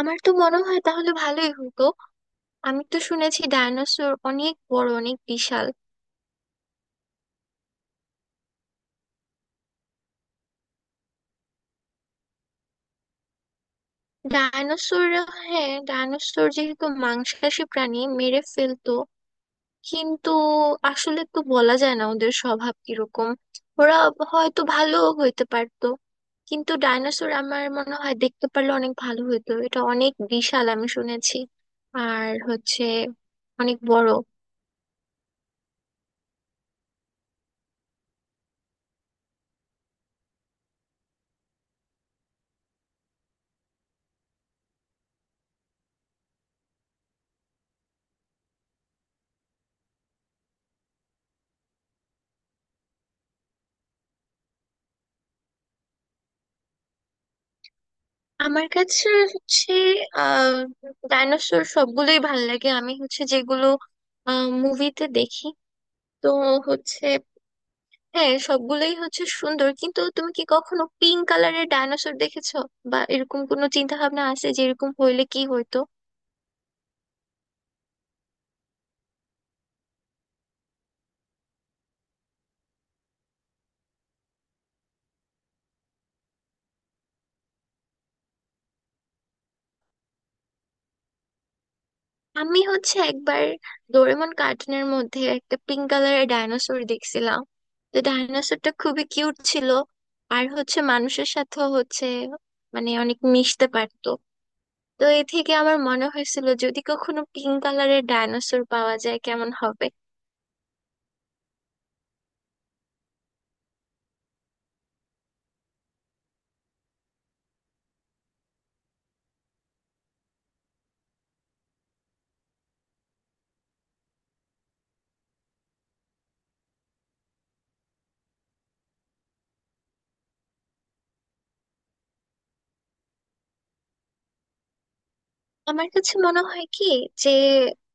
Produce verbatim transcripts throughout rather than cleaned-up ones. আমার তো মনে হয় তাহলে ভালোই হতো। আমি তো শুনেছি ডায়নোসর অনেক বড়, অনেক বিশাল। ডায়নোসর, হ্যাঁ ডায়নোসর যেহেতু মাংসাশী প্রাণী, মেরে ফেলতো। কিন্তু আসলে তো বলা যায় না ওদের স্বভাব কিরকম। ওরা হয়তো ভালো হইতে পারতো। কিন্তু ডায়নোসর আমার মনে হয় দেখতে পারলে অনেক ভালো হতো, এটা অনেক বিশাল আমি শুনেছি আর হচ্ছে অনেক বড়। আমার কাছে হচ্ছে আহ ডাইনোসর সবগুলোই ভাল লাগে, আমি হচ্ছে যেগুলো মুভিতে দেখি। তো হচ্ছে, হ্যাঁ সবগুলোই হচ্ছে সুন্দর। কিন্তু তুমি কি কখনো পিঙ্ক কালারের ডাইনোসর দেখেছো, বা এরকম কোনো চিন্তা ভাবনা আছে যে এরকম হইলে কি হইতো? আমি হচ্ছে একবার ডোরেমন কার্টুনের মধ্যে একটা পিঙ্ক কালারের ডাইনোসর দেখছিলাম। তো ডাইনোসরটা খুবই কিউট ছিল, আর হচ্ছে মানুষের সাথেও হচ্ছে, মানে অনেক মিশতে পারতো। তো এ থেকে আমার মনে হয়েছিল যদি কখনো পিঙ্ক কালারের ডাইনোসর পাওয়া যায় কেমন হবে। আমার কাছে মনে হয় কি যে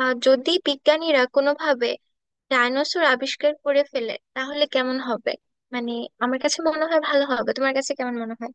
আহ, যদি বিজ্ঞানীরা কোনোভাবে ডাইনোসর আবিষ্কার করে ফেলে তাহলে কেমন হবে? মানে আমার কাছে মনে হয় ভালো হবে, তোমার কাছে কেমন মনে হয়?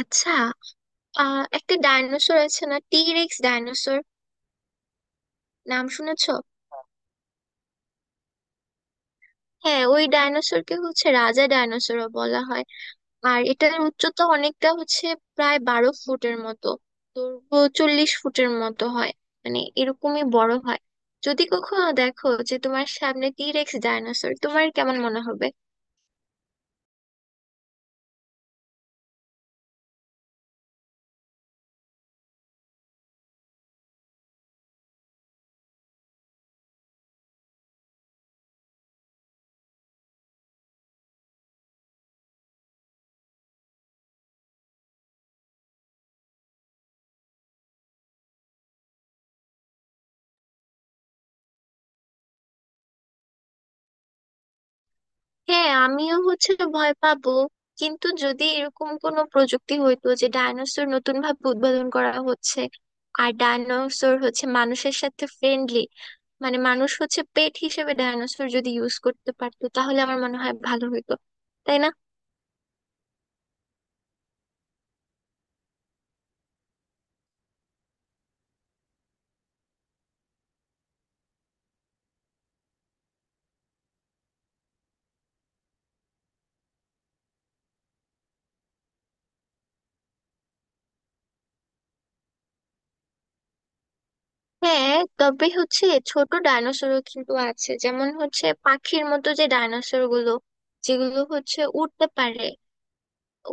আচ্ছা, আহ একটা ডাইনোসর আছে না টি রেক্স ডাইনোসর, নাম শুনেছো? হ্যাঁ ওই ডাইনোসরকে হচ্ছে রাজা ডাইনোসরও বলা হয়। আর এটার উচ্চতা অনেকটা হচ্ছে প্রায় বারো ফুটের মতো, দৈর্ঘ্য চল্লিশ ফুটের মতো হয়। মানে এরকমই বড় হয়। যদি কখনো দেখো যে তোমার সামনে টিরেক্স ডাইনোসর, তোমার কেমন মনে হবে? হ্যাঁ আমিও হচ্ছে ভয় পাবো। কিন্তু যদি এরকম কোনো প্রযুক্তি হইতো যে ডাইনোসর নতুন ভাবে উদ্ভাবন করা হচ্ছে, আর ডাইনোসর হচ্ছে মানুষের সাথে ফ্রেন্ডলি, মানে মানুষ হচ্ছে পেট হিসেবে ডাইনোসর যদি ইউজ করতে পারতো তাহলে আমার মনে হয় ভালো হতো, তাই না? হ্যাঁ তবে হচ্ছে ছোট ডাইনোসরও কিন্তু আছে, যেমন হচ্ছে পাখির মতো যে ডাইনোসর গুলো, যেগুলো হচ্ছে উঠতে পারে।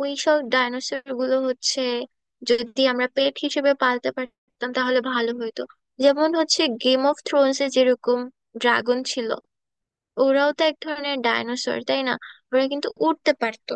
ওই সব ডাইনোসর গুলো হচ্ছে যদি আমরা পেট হিসেবে পালতে পারতাম তাহলে ভালো হতো। যেমন হচ্ছে গেম অফ থ্রোনস এ যেরকম ড্রাগন ছিল, ওরাও তো এক ধরনের ডাইনোসর তাই না? ওরা কিন্তু উঠতে পারতো।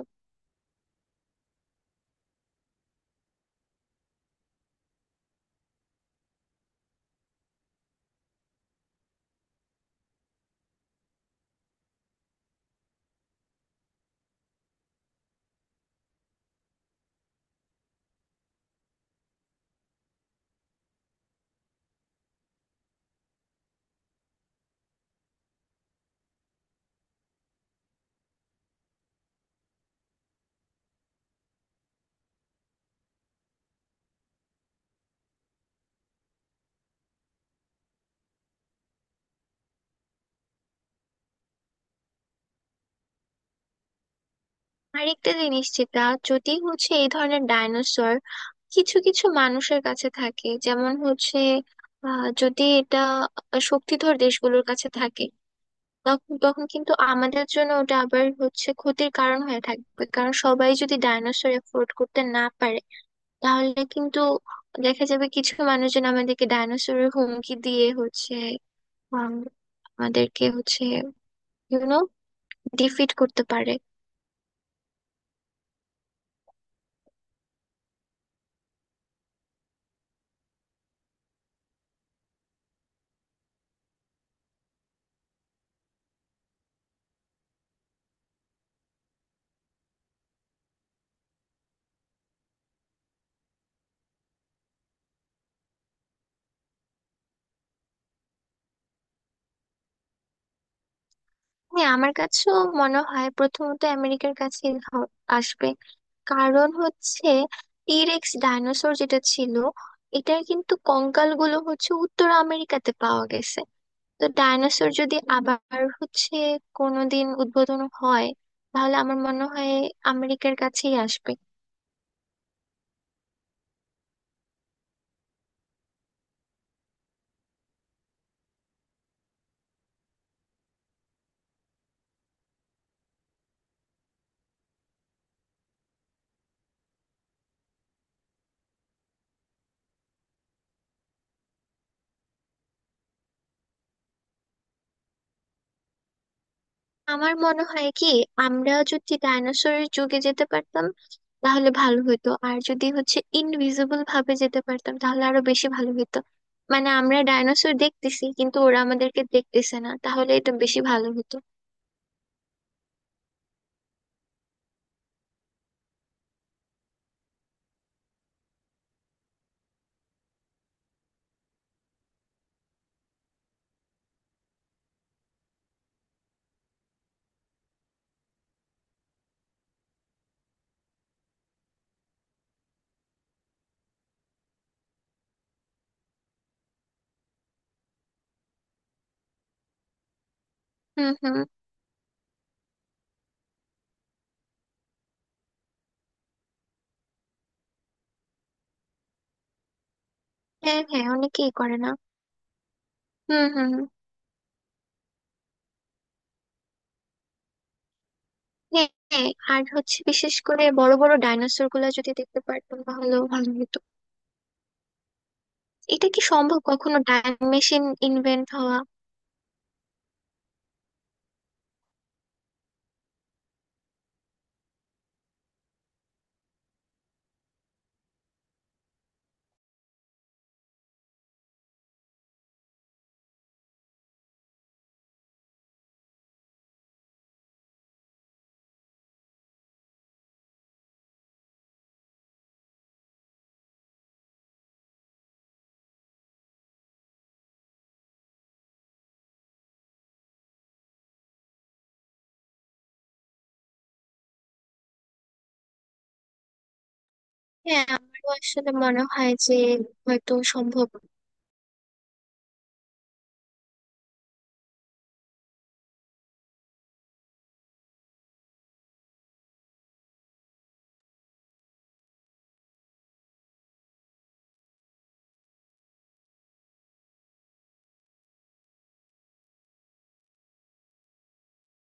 আরেকটা জিনিস যেটা, যদি হচ্ছে এই ধরনের ডাইনোসর কিছু কিছু মানুষের কাছে থাকে, যেমন হচ্ছে আহ, যদি এটা শক্তিধর দেশগুলোর কাছে থাকে, তখন তখন কিন্তু আমাদের জন্য ওটা আবার হচ্ছে ক্ষতির কারণ হয়ে থাকবে, কারণ সবাই যদি ডাইনোসর এফোর্ড করতে না পারে তাহলে কিন্তু দেখা যাবে কিছু মানুষজন আমাদেরকে ডাইনোসরের হুমকি দিয়ে হচ্ছে আম, আমাদেরকে হচ্ছে ইউনো ডিফিট করতে পারে। হ্যাঁ আমার কাছেও মনে হয় প্রথমত আমেরিকার কাছে হ- আসবে। কারণ হচ্ছে টিরেক্স ডাইনোসর যেটা ছিল, এটার কিন্তু কঙ্কালগুলো হচ্ছে উত্তর আমেরিকাতে পাওয়া গেছে। তো ডাইনোসর যদি আবার হচ্ছে কোনোদিন উদ্বোধন হয় তাহলে আমার মনে হয় আমেরিকার কাছেই আসবে। আমার মনে হয় কি, আমরা যদি ডাইনোসরের যুগে যেতে পারতাম তাহলে ভালো হতো, আর যদি হচ্ছে ইনভিজিবল ভাবে যেতে পারতাম তাহলে আরো বেশি ভালো হতো। মানে আমরা ডাইনোসর দেখতেছি কিন্তু ওরা আমাদেরকে দেখতেছে না, তাহলে এটা বেশি ভালো হতো। হুম হুম। হ্যাঁ হ্যাঁ, অনেকেই করে না। হুম হুম হুম। হ্যাঁ হ্যাঁ, আর হচ্ছে বিশেষ করে বড় বড় ডাইনোসর গুলা যদি দেখতে পারতাম তাহলেও ভালো হতো। এটা কি সম্ভব কখনো টাইম মেশিন ইনভেন্ট হওয়া? হ্যাঁ আমারও আসলে মনে হয় যে হয়তো সম্ভব।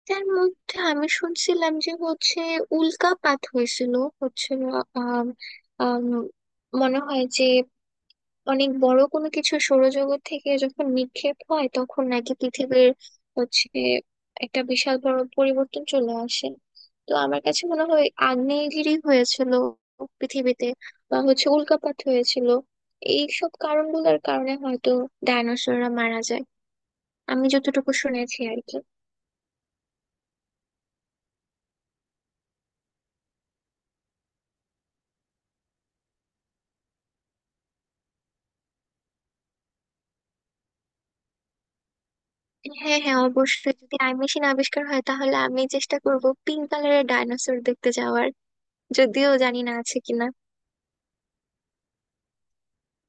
তার মধ্যে আমি শুনছিলাম যে হচ্ছে উল্কাপাত হয়েছিল। হচ্ছে আম, আম, মনে হয় যে অনেক বড় কোনো কিছু সৌরজগৎ থেকে যখন নিক্ষেপ হয় তখন নাকি পৃথিবীর হচ্ছে একটা বিশাল বড় পরিবর্তন চলে আসে। তো আমার কাছে মনে হয় আগ্নেয়গিরি হয়েছিল পৃথিবীতে, বা হচ্ছে উল্কাপাত হয়েছিল, এইসব কারণগুলোর কারণে হয়তো ডাইনোসররা মারা যায়, আমি যতটুকু শুনেছি আর কি। হ্যাঁ হ্যাঁ অবশ্যই, যদি টাইম মেশিন আবিষ্কার হয় তাহলে আমি চেষ্টা করব পিঙ্ক কালারের ডাইনোসর দেখতে যাওয়ার, যদিও জানি না আছে কিনা।